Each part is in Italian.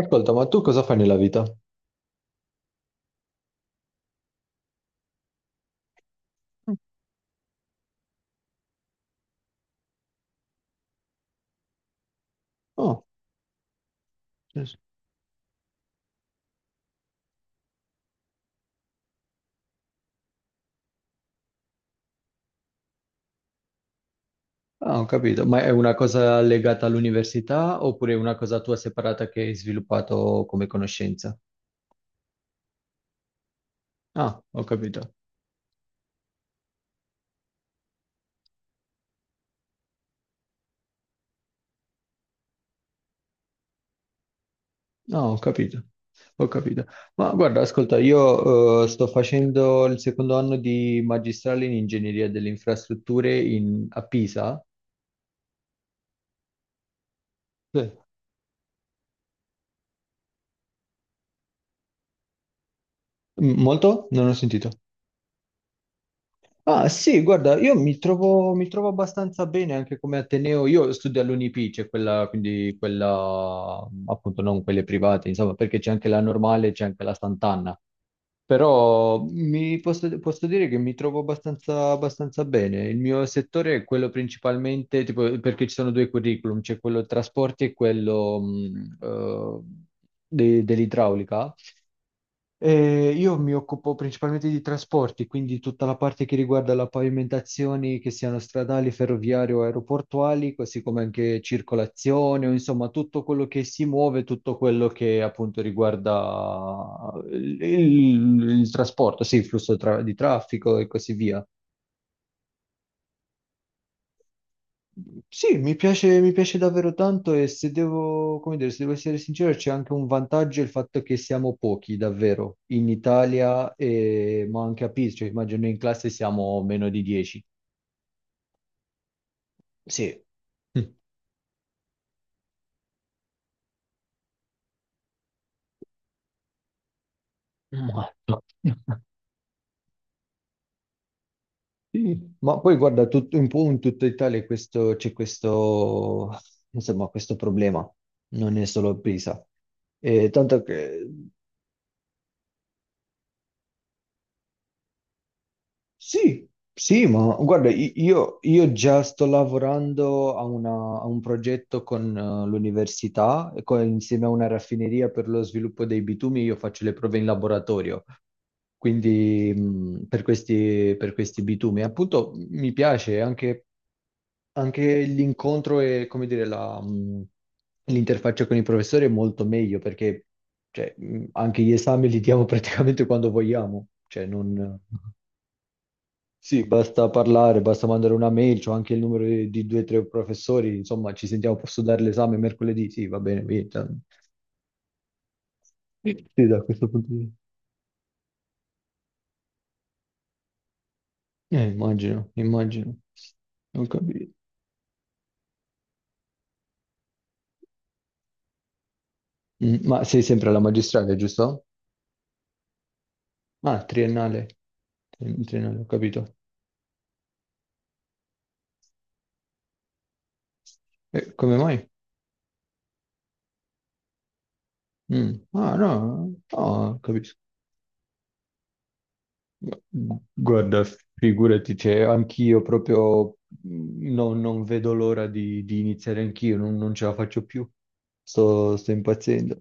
Ascolta, ma tu cosa fai nella vita? Oh, yes. Ah, ho capito. Ma è una cosa legata all'università oppure è una cosa tua separata che hai sviluppato come conoscenza? Ah, ho capito. No, ho capito. Ho capito. Ma guarda, ascolta, io sto facendo il secondo anno di magistrale in ingegneria delle infrastrutture a Pisa. Sì. Molto? Non ho sentito. Ah sì, guarda, io mi trovo abbastanza bene anche come Ateneo. Io studio all'UNIP, c'è quella, quindi quella, appunto, non quelle private, insomma, perché c'è anche la normale, c'è anche la Sant'Anna. Però posso dire che mi trovo abbastanza bene. Il mio settore è quello principalmente, tipo, perché ci sono due curriculum, c'è quello trasporti e quello dell'idraulica. Io mi occupo principalmente di trasporti, quindi tutta la parte che riguarda le pavimentazioni, che siano stradali, ferroviarie o aeroportuali, così come anche circolazione, o insomma tutto quello che si muove, tutto quello che appunto riguarda il trasporto, sì, il flusso di traffico e così via. Sì, mi piace davvero tanto, e se devo, come dire, se devo essere sincero, c'è anche un vantaggio il fatto che siamo pochi, davvero, in Italia, e- ma anche a Pisa, cioè immagino in classe siamo meno di 10. Sì. Molto. Sì. Ma poi guarda, un po' in tutta Italia c'è questo, insomma, questo problema, non è solo a Pisa. Tanto che sì, sì, ma guarda, io già sto lavorando a, a un progetto con l'università, e insieme a una raffineria per lo sviluppo dei bitumi, io faccio le prove in laboratorio, quindi per questi bitumi. Appunto, mi piace anche, anche l'incontro e, come dire, l'interfaccia con i professori è molto meglio perché cioè, anche gli esami li diamo praticamente quando vogliamo, cioè non. Sì, basta parlare, basta mandare una mail, c'ho anche il numero di due o tre professori, insomma, ci sentiamo, posso dare l'esame mercoledì? Sì, va bene, via. Cioè. Sì, da questo punto di vista. Immagino, immagino. Ho capito. Ma sei sempre alla magistrale, giusto? Ah, triennale. Triennale, ho capito. E come mai? Mm. Ah, no, no, ho capito. Guarda, figurati, cioè, anch'io proprio non vedo l'ora di iniziare anch'io, non ce la faccio più, sto impazzendo.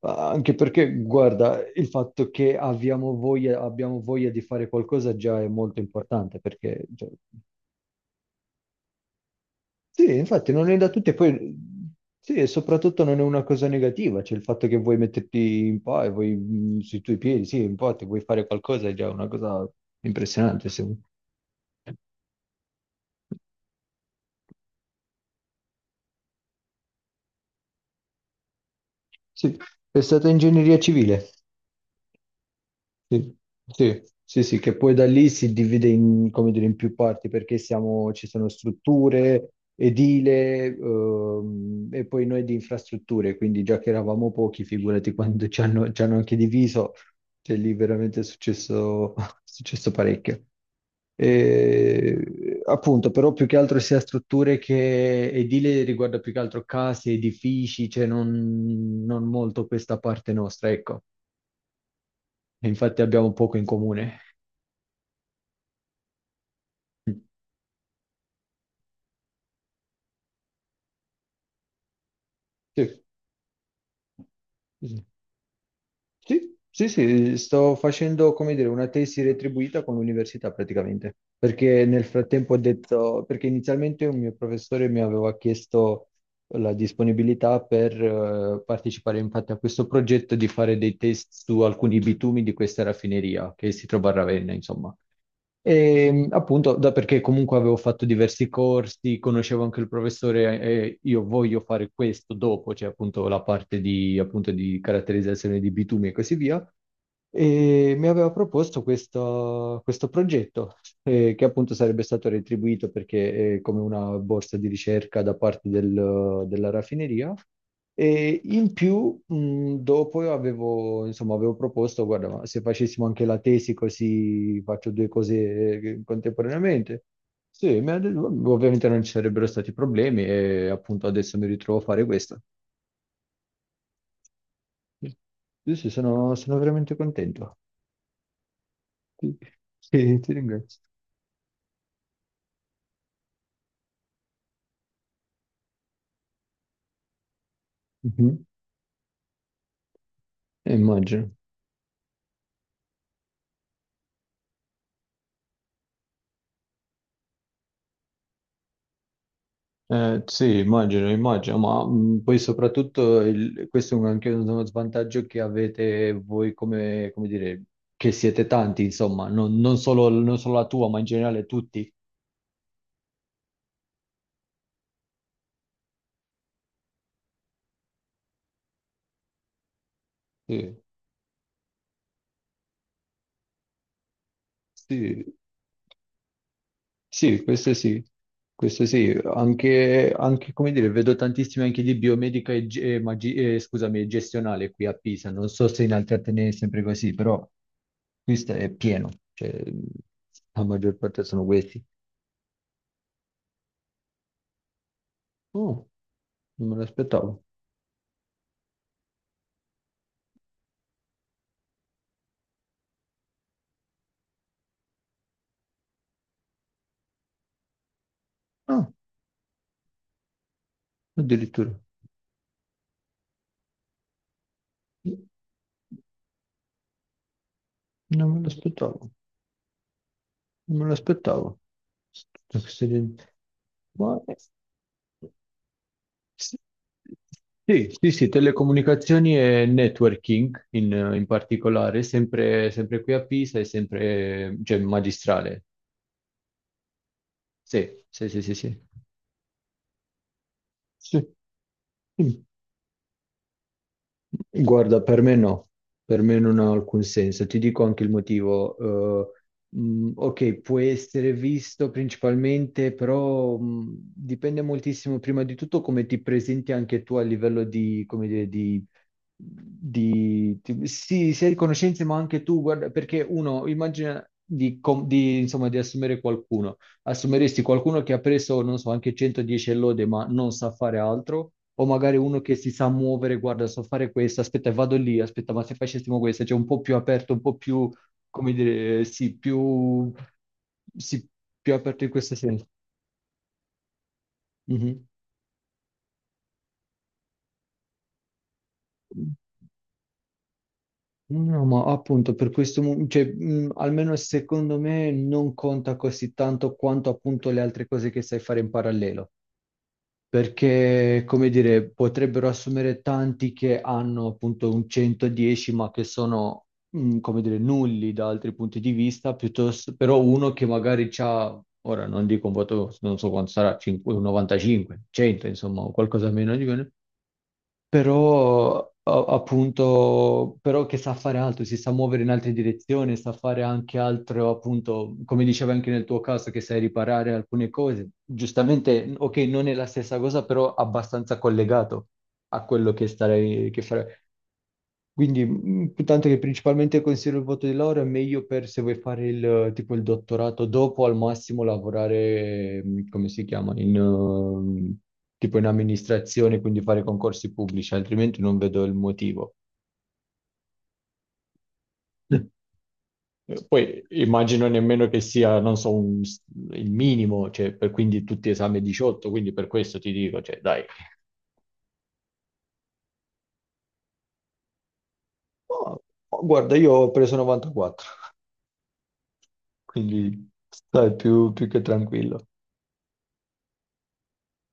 Ah, anche perché, guarda, il fatto che abbiamo voglia di fare qualcosa già è molto importante, perché, cioè, sì, infatti non è da tutti, e poi, sì, e soprattutto non è una cosa negativa, cioè il fatto che vuoi metterti in po' e vuoi, sui tuoi piedi, sì, in po' ti vuoi fare qualcosa è già una cosa impressionante, secondo me. Sì, è stata ingegneria civile. Sì, sì, sì, sì, che poi da lì si divide in, come dire, in più parti perché ci sono strutture, edile, e poi noi di infrastrutture, quindi già che eravamo pochi, figurati quando ci hanno anche diviso, cioè lì veramente è successo, è successo parecchio. E, appunto, però più che altro sia strutture che edile riguarda più che altro case, edifici, cioè non, non molto questa parte nostra, ecco. E infatti abbiamo poco in comune. Sì, sì, sì, sì, sì, sto facendo, come dire, una tesi retribuita con l'università praticamente, perché nel frattempo ho detto, perché inizialmente un mio professore mi aveva chiesto la disponibilità per partecipare infatti a questo progetto di fare dei test su alcuni bitumi di questa raffineria che si trova a Ravenna, insomma. E appunto, da perché comunque avevo fatto diversi corsi, conoscevo anche il professore e io voglio fare questo dopo, cioè appunto la parte di, appunto, di caratterizzazione di bitumi e così via, e mi aveva proposto questo, progetto che appunto sarebbe stato retribuito perché è come una borsa di ricerca da parte della raffineria. E in più, dopo io avevo, insomma, avevo proposto, guarda, ma se facessimo anche la tesi, così faccio due cose contemporaneamente. Sì, mi ha detto, ovviamente non ci sarebbero stati problemi e appunto adesso mi ritrovo a fare questo. Sì, sì, sono, sono veramente contento. Sì, sì, ti ringrazio. Mhm, immagino. Sì, immagino, immagino, ma poi soprattutto questo è anche uno svantaggio che avete voi come, come dire, che siete tanti, insomma, non solo, non solo la tua, ma in generale tutti. Sì, sì, sì, questo sì, questo sì, anche, anche, come dire, vedo tantissimi anche di biomedica e, scusami, e gestionale qui a Pisa, non so se in altri atenei è sempre così, però questo è pieno, cioè la maggior parte sono questi. Oh, non me l'aspettavo. Ah, addirittura. Non me l'aspettavo. Non me l'aspettavo. Tutta questa gente- Ma- Sì, sì, sì, telecomunicazioni e networking in, in particolare, sempre, sempre qui a Pisa e sempre, cioè, magistrale. Sì, sì, sì, sì, sì. Sì. Mm. Guarda, per me no, per me non ha alcun senso. Ti dico anche il motivo. Eh, ok, può essere visto principalmente, però dipende moltissimo prima di tutto come ti presenti anche tu a livello di, come dire, di, sì, sia di conoscenze, ma anche tu, guarda, perché uno immagina di, di, insomma, di assumere qualcuno. Assumeresti qualcuno che ha preso, non so, anche 110 lode, ma non sa fare altro? O magari uno che si sa muovere, guarda, so fare questo, aspetta, vado lì, aspetta, ma se facessimo questo, cioè un po' più aperto, un po' più, come dire, sì, più aperto in questo senso. Mhm. No, ma appunto per questo, cioè, almeno secondo me non conta così tanto quanto appunto le altre cose che sai fare in parallelo. Perché, come dire, potrebbero assumere tanti che hanno appunto un 110, ma che sono, come dire, nulli da altri punti di vista, piuttosto, però uno che magari ha, ora non dico un voto, non so quanto sarà, 5 un 95, 100, insomma, o qualcosa meno di meno, però appunto, però che sa fare altro, si sa muovere in altre direzioni, sa fare anche altro, appunto, come dicevo anche nel tuo caso, che sai riparare alcune cose. Giustamente, ok, non è la stessa cosa, però abbastanza collegato a quello che starei, che farei. Quindi, tanto che principalmente considero il voto di laurea meglio per se vuoi fare il, tipo il dottorato dopo, al massimo lavorare, come si chiama, in, tipo in amministrazione, quindi fare concorsi pubblici, altrimenti non vedo il motivo. Poi immagino nemmeno che sia, non so, il minimo, cioè, per, quindi tutti esami 18, quindi per questo ti dico, cioè, dai. Oh, oh, guarda, io ho preso 94, quindi stai più che tranquillo.